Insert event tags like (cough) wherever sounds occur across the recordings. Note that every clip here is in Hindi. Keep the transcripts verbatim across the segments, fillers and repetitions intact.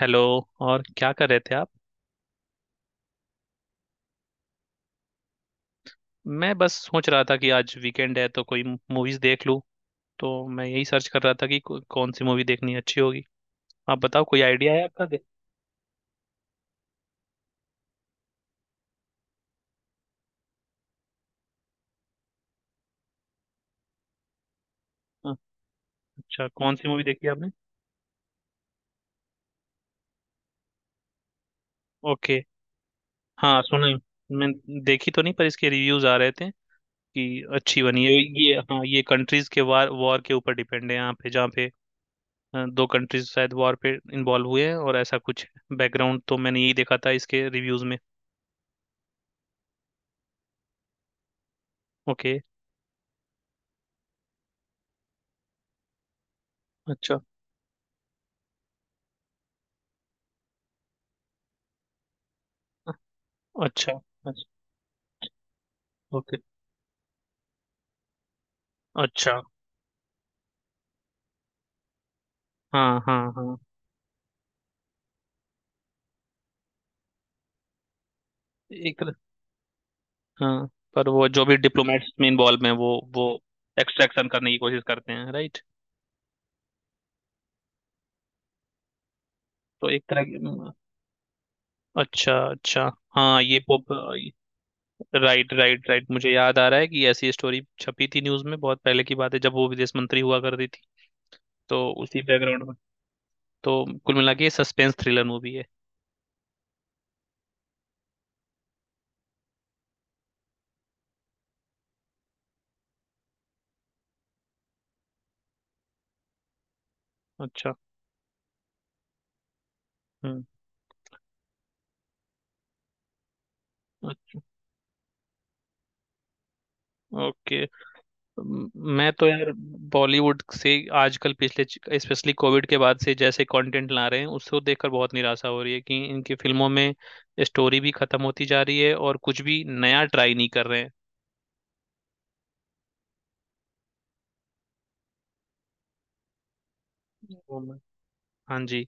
हेलो। और क्या कर रहे थे आप। मैं बस सोच रहा था कि आज वीकेंड है तो कोई मूवीज देख लूं। तो मैं यही सर्च कर रहा था कि को, कौन सी मूवी देखनी अच्छी होगी। आप बताओ, कोई आइडिया है आपका दे। हाँ, अच्छा कौन सी मूवी देखी आपने। ओके। हाँ सुना है। मैं देखी तो नहीं, पर इसके रिव्यूज आ रहे थे कि अच्छी बनी है। ये हाँ, ये कंट्रीज के वार वॉर के ऊपर डिपेंड है, यहाँ पे जहाँ पे अ, दो कंट्रीज शायद वॉर पे इन्वॉल्व हुए हैं और ऐसा कुछ बैकग्राउंड। तो मैंने यही देखा था इसके रिव्यूज में। ओके। अच्छा अच्छा। अच्छा। ओके। अच्छा। हाँ हाँ हाँ। एक। हाँ, पर वो जो भी डिप्लोमेट्स में इन्वॉल्व हैं वो वो एक्सट्रैक्शन करने की कोशिश करते हैं, राइट। तो एक तरह की, हम्म, अच्छा अच्छा। हाँ ये पॉप। राइट राइट राइट, मुझे याद आ रहा है कि ऐसी स्टोरी छपी थी न्यूज़ में। बहुत पहले की बात है जब वो विदेश मंत्री हुआ करती थी। तो उसी बैकग्राउंड में। तो कुल मिला के सस्पेंस थ्रिलर मूवी है। अच्छा। हम्म। अच्छा। ओके। म- मैं तो यार बॉलीवुड से आजकल, पिछले स्पेशली कोविड के बाद से जैसे कंटेंट ला रहे हैं, उसको देखकर बहुत निराशा हो रही है कि इनकी फिल्मों में स्टोरी भी खत्म होती जा रही है और कुछ भी नया ट्राई नहीं कर रहे हैं। वो मैं- हाँ जी।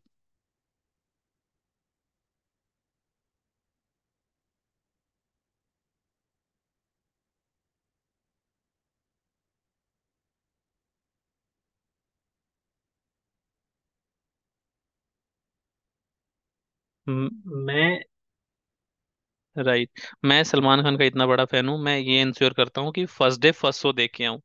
म- मैं। राइट, मैं सलमान खान का इतना बड़ा फैन हूँ, मैं ये इंश्योर करता हूँ कि फर्स्ट डे फर्स्ट शो देख के आऊं।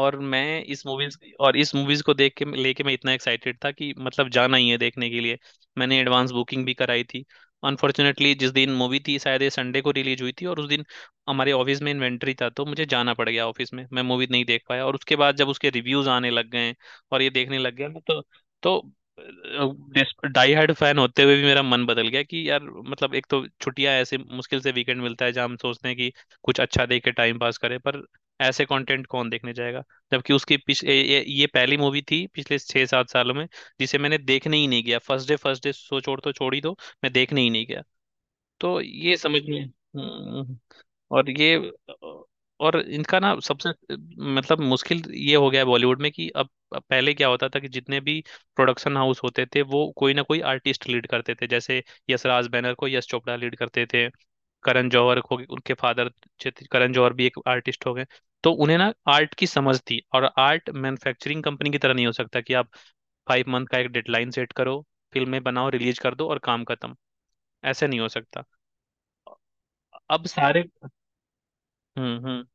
और मैं इस मूवीज और इस मूवीज को देख के लेके मैं इतना एक्साइटेड था कि मतलब जाना ही है देखने के लिए। मैंने एडवांस बुकिंग भी कराई थी। अनफॉर्चुनेटली, जिस दिन मूवी थी, शायद ये संडे को रिलीज हुई थी, और उस दिन हमारे ऑफिस में इन्वेंटरी था तो मुझे जाना पड़ गया ऑफिस में, मैं मूवी नहीं देख पाया। और उसके बाद जब उसके रिव्यूज आने लग गए और ये देखने लग गया मैं, तो तो डाई हार्ड फैन होते हुए भी मेरा मन बदल गया कि यार, मतलब एक तो छुट्टियां ऐसे मुश्किल से वीकेंड मिलता है जहाँ हम सोचते हैं कि कुछ अच्छा देख के टाइम पास करें, पर ऐसे कंटेंट कौन देखने जाएगा। जबकि उसकी पिछ ए- ए- ये पहली मूवी थी पिछले छह सात सालों में जिसे मैंने देखने ही नहीं गया। First day first day so छोड़, तो छोड़ ही दो, मैं देखने ही नहीं गया। तो ये समझ में, हम्म, और ये, और इनका ना सबसे, मतलब मुश्किल ये हो गया है बॉलीवुड में कि अब अब पहले क्या होता था कि जितने भी प्रोडक्शन हाउस होते थे वो कोई ना कोई आर्टिस्ट लीड करते थे, जैसे यशराज बैनर को यश चोपड़ा लीड करते थे। करण जौहर हो गए, उनके फादर। करण जौहर भी एक आर्टिस्ट हो गए। तो उन्हें ना आर्ट की समझ थी, और आर्ट मैन्युफैक्चरिंग कंपनी की तरह नहीं हो सकता कि आप फाइव मंथ का एक डेडलाइन सेट करो, फिल्में बनाओ रिलीज कर दो और काम खत्म। ऐसे नहीं हो सकता। अब सारे, हम्म हम्म।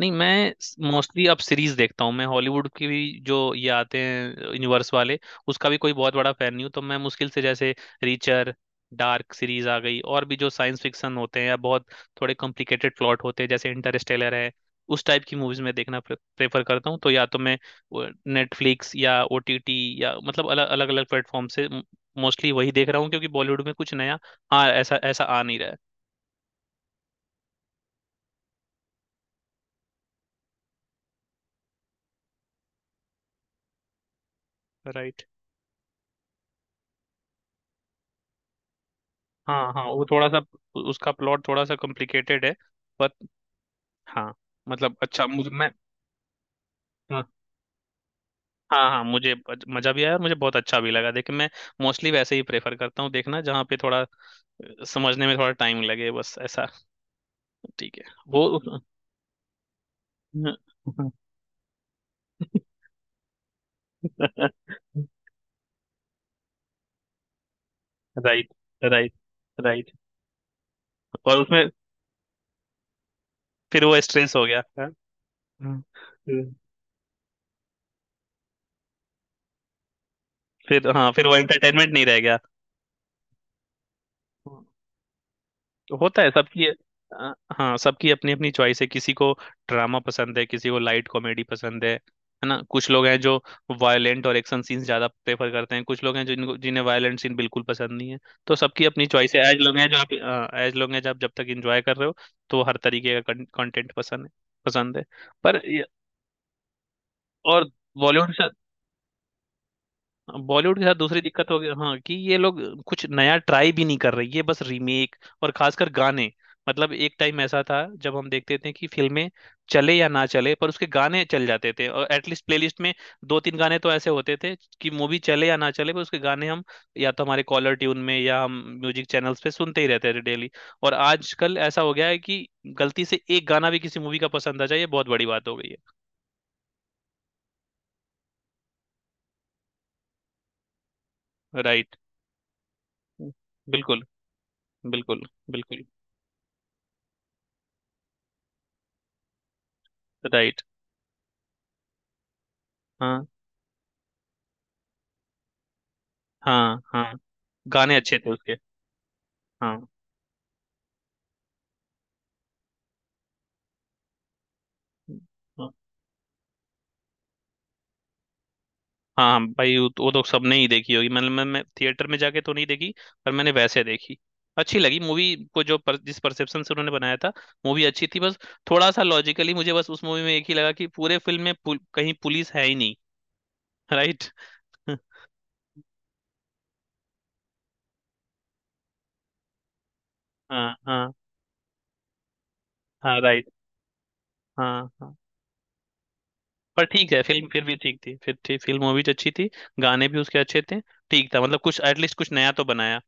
नहीं, मैं मोस्टली अब सीरीज देखता हूँ। मैं हॉलीवुड की भी जो ये आते हैं यूनिवर्स वाले, उसका भी कोई बहुत बड़ा फैन नहीं हूँ। तो मैं मुश्किल से, जैसे रीचर, डार्क सीरीज आ गई, और भी जो साइंस फिक्शन होते हैं या बहुत थोड़े कॉम्प्लिकेटेड प्लॉट होते हैं जैसे इंटरस्टेलर है, उस टाइप की मूवीज मैं देखना प्रेफर करता हूँ। तो या तो मैं नेटफ्लिक्स या ओटीटी या मतलब अलग अलग अलग प्लेटफॉर्म से मोस्टली वही देख रहा हूँ क्योंकि बॉलीवुड में कुछ नया, हाँ ऐसा ऐसा आ नहीं रहा है। राइट। हाँ हाँ, वो थोड़ा सा, उसका प्लॉट थोड़ा सा कॉम्प्लिकेटेड है, बट हाँ, मतलब अच्छा, मुझे, मैं, हाँ हाँ, हाँ मुझे ब- मजा भी आया और मुझे बहुत अच्छा भी लगा। देखिए, मैं मोस्टली वैसे ही प्रेफर करता हूँ देखना जहाँ पे थोड़ा अ, समझने में थोड़ा टाइम लगे, बस ऐसा ठीक है वो। (laughs) Right, right, right. और उसमें, फिर वो स्ट्रेस हो गया, हाँ? हम्म। फिर, हाँ, फिर वो एंटरटेनमेंट नहीं रह गया। तो होता है सबकी, अ, हाँ, सबकी अपनी अपनी चॉइस है। किसी को ड्रामा पसंद है, किसी को लाइट कॉमेडी पसंद है है ना। कुछ लोग हैं जो वायलेंट और एक्शन सीन्स ज्यादा प्रेफर करते हैं, कुछ लोग हैं जिनको जिन्हें वायलेंट सीन बिल्कुल पसंद नहीं है। तो सबकी अपनी चॉइस है। एज लोग हैं जो आप एज लोग हैं जो आप जब तक एंजॉय कर रहे हो, तो हर तरीके का कंटेंट पसंद है, पसंद है। पर ये- और बॉलीवुड, बॉलीवुड के साथ दूसरी दिक्कत हो गई हाँ कि ये लोग कुछ नया ट्राई भी नहीं कर रहे, ये बस रीमेक। और खासकर गाने। मतलब एक टाइम ऐसा था जब हम देखते थे कि फिल्में चले या ना चले पर उसके गाने चल जाते थे, और एटलीस्ट प्लेलिस्ट में दो तीन गाने तो ऐसे होते थे कि मूवी चले या ना चले, पर उसके गाने हम या तो हमारे कॉलर ट्यून में या हम म्यूजिक चैनल्स पे सुनते ही रहते थे डेली। और आजकल ऐसा हो गया है कि गलती से एक गाना भी किसी मूवी का पसंद आ जाए ये बहुत बड़ी बात हो गई है। राइट। बिल्कुल, बिल्कुल, बिल्कुल। राइट। हाँ हाँ। गाने अच्छे थे उसके। हाँ हाँ। हाँ, भाई, वो तो, वो तो सबने ही देखी होगी, मतलब मैं, मैं थिएटर में जाके तो नहीं देखी, पर मैंने वैसे देखी। अच्छी लगी मूवी को, जो पर, जिस परसेप्शन से उन्होंने बनाया था, मूवी अच्छी थी। बस थोड़ा सा लॉजिकली मुझे बस उस मूवी में एक ही लगा कि पूरे फिल्म में पुल, कहीं पुलिस है ही नहीं। राइट। (laughs) हाँ हाँ हाँ। राइट। हाँ हाँ, पर ठीक है, फिल्म फिर भी ठीक थी। फिर ठीक फिल्म, मूवी तो अच्छी थी। गाने भी उसके अच्छे थे। ठीक था, मतलब कुछ एटलीस्ट कुछ नया तो बनाया।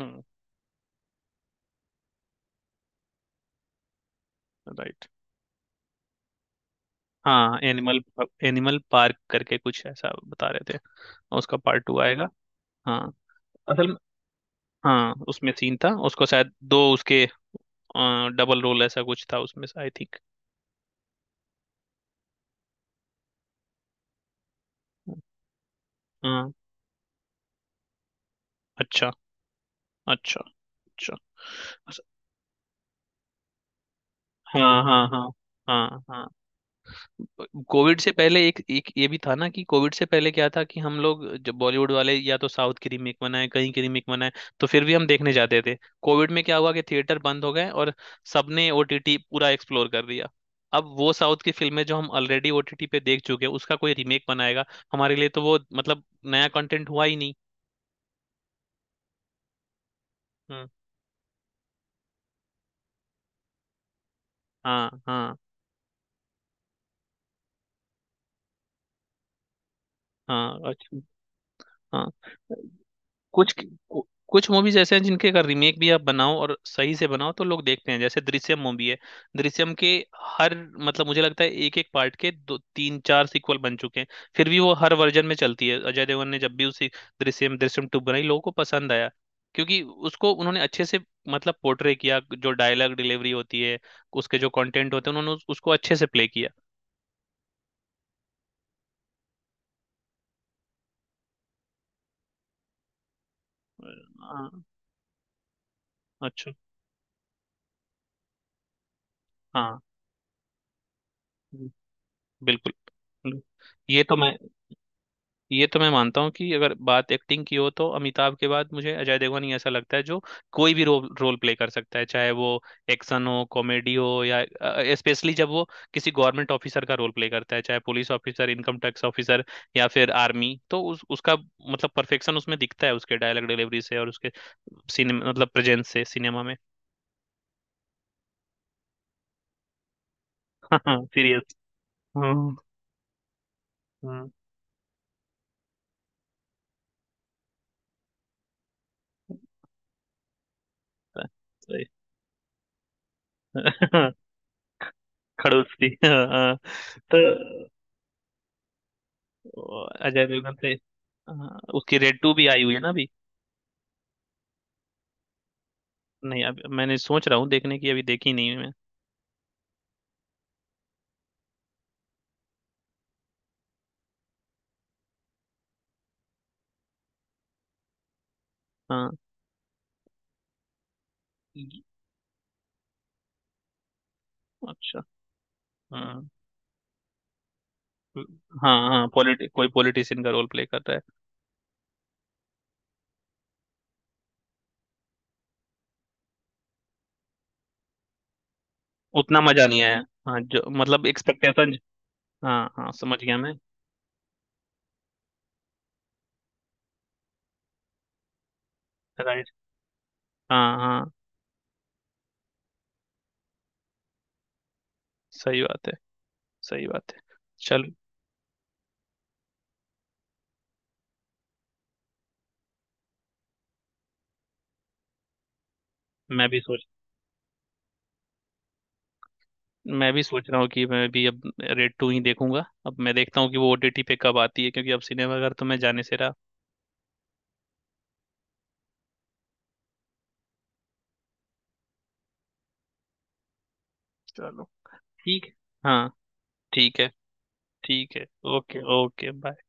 हम्म। राइट। हाँ, एनिमल, एनिमल पार्क करके कुछ ऐसा बता रहे थे, और उसका पार्ट टू आएगा। हाँ। असल में, हाँ उसमें सीन था। उसको शायद दो, उसके डबल रोल ऐसा कुछ था उसमें, आई थिंक। हाँ। अच्छा। अच्छा। अच्छा। हाँ हाँ हाँ। हाँ हाँ। कोविड से पहले एक, एक ये भी था ना कि कोविड से पहले क्या था कि हम लोग, जब बॉलीवुड वाले या तो साउथ की रीमेक बनाए, कहीं की रीमेक बनाए, तो फिर भी हम देखने जाते थे। कोविड में क्या हुआ कि थिएटर बंद हो गए और सबने ओटीटी पूरा एक्सप्लोर कर दिया। अब वो साउथ की फिल्में जो हम ऑलरेडी ओटीटी पे देख चुके हैं, उसका कोई रीमेक बनाएगा, हमारे लिए तो वो मतलब नया कंटेंट हुआ ही नहीं। हम्म। हाँ हाँ हाँ। अच्छा। हाँ। कुछ कु- कुछ मूवीज ऐसे हैं जिनके अगर रीमेक भी आप बनाओ और सही से बनाओ तो लोग देखते हैं, जैसे दृश्यम मूवी है। दृश्यम के हर, मतलब मुझे लगता है एक एक पार्ट के दो तीन चार सीक्वल बन चुके हैं, फिर भी वो हर वर्जन में चलती है। अजय देवगन ने जब भी उसी दृश्यम दृश्यम टू बनाई, लोगों को पसंद आया क्योंकि उसको उन्होंने अच्छे से, मतलब पोर्ट्रे किया। जो डायलॉग डिलीवरी होती है, उसके जो कंटेंट होते हैं, उन्होंने उस- उसको अच्छे से प्ले किया। अ, अच्छा। हाँ, बिल्कुल। ये तो मैं, ये तो मैं मानता हूँ कि अगर बात एक्टिंग की हो, तो अमिताभ के बाद मुझे अजय देवगन ही ऐसा लगता है जो कोई भी रोल रोल प्ले कर सकता है, चाहे वो एक्शन हो, कॉमेडी हो, या स्पेशली जब वो किसी गवर्नमेंट ऑफिसर का रोल प्ले करता है, चाहे police officer, income tax officer, या फिर आर्मी। तो उस उसका मतलब परफेक्शन उसमें दिखता है, उसके डायलॉग डिलीवरी से और उसके सिनेमा, मतलब प्रेजेंस से, सिनेमा में। (laughs) हाँ, सीरियस। हम्म। हम्म। सही। (laughs) खड़ूस थी, हाँ हाँ। तो वो अजय देवगन से। हाँ, उसकी रेड टू भी आई हुई है ना अभी। नहीं, अब मैंने सोच रहा हूँ देखने की, अभी देखी नहीं है मैं। हाँ। ये- अच्छा। हाँ हाँ, हाँ पॉलिटि कोई पॉलिटिशियन का रोल प्ले कर रहा है। उतना मजा नहीं आया। हाँ, जो मतलब एक्सपेक्टेशन। हाँ हाँ, समझ गया मैं। राइट। हाँ हाँ। सही बात है। सही बात है। चल, मैं भी सोच मैं भी सोच रहा हूँ कि मैं भी अब रेड टू ही देखूंगा, अब मैं देखता हूँ कि वो ओटीटी पे कब आती है क्योंकि अब सिनेमाघर तो मैं जाने से रहा। चलो, ठीक है। हाँ, ठीक है। ठीक है। ओके। Okay, bye.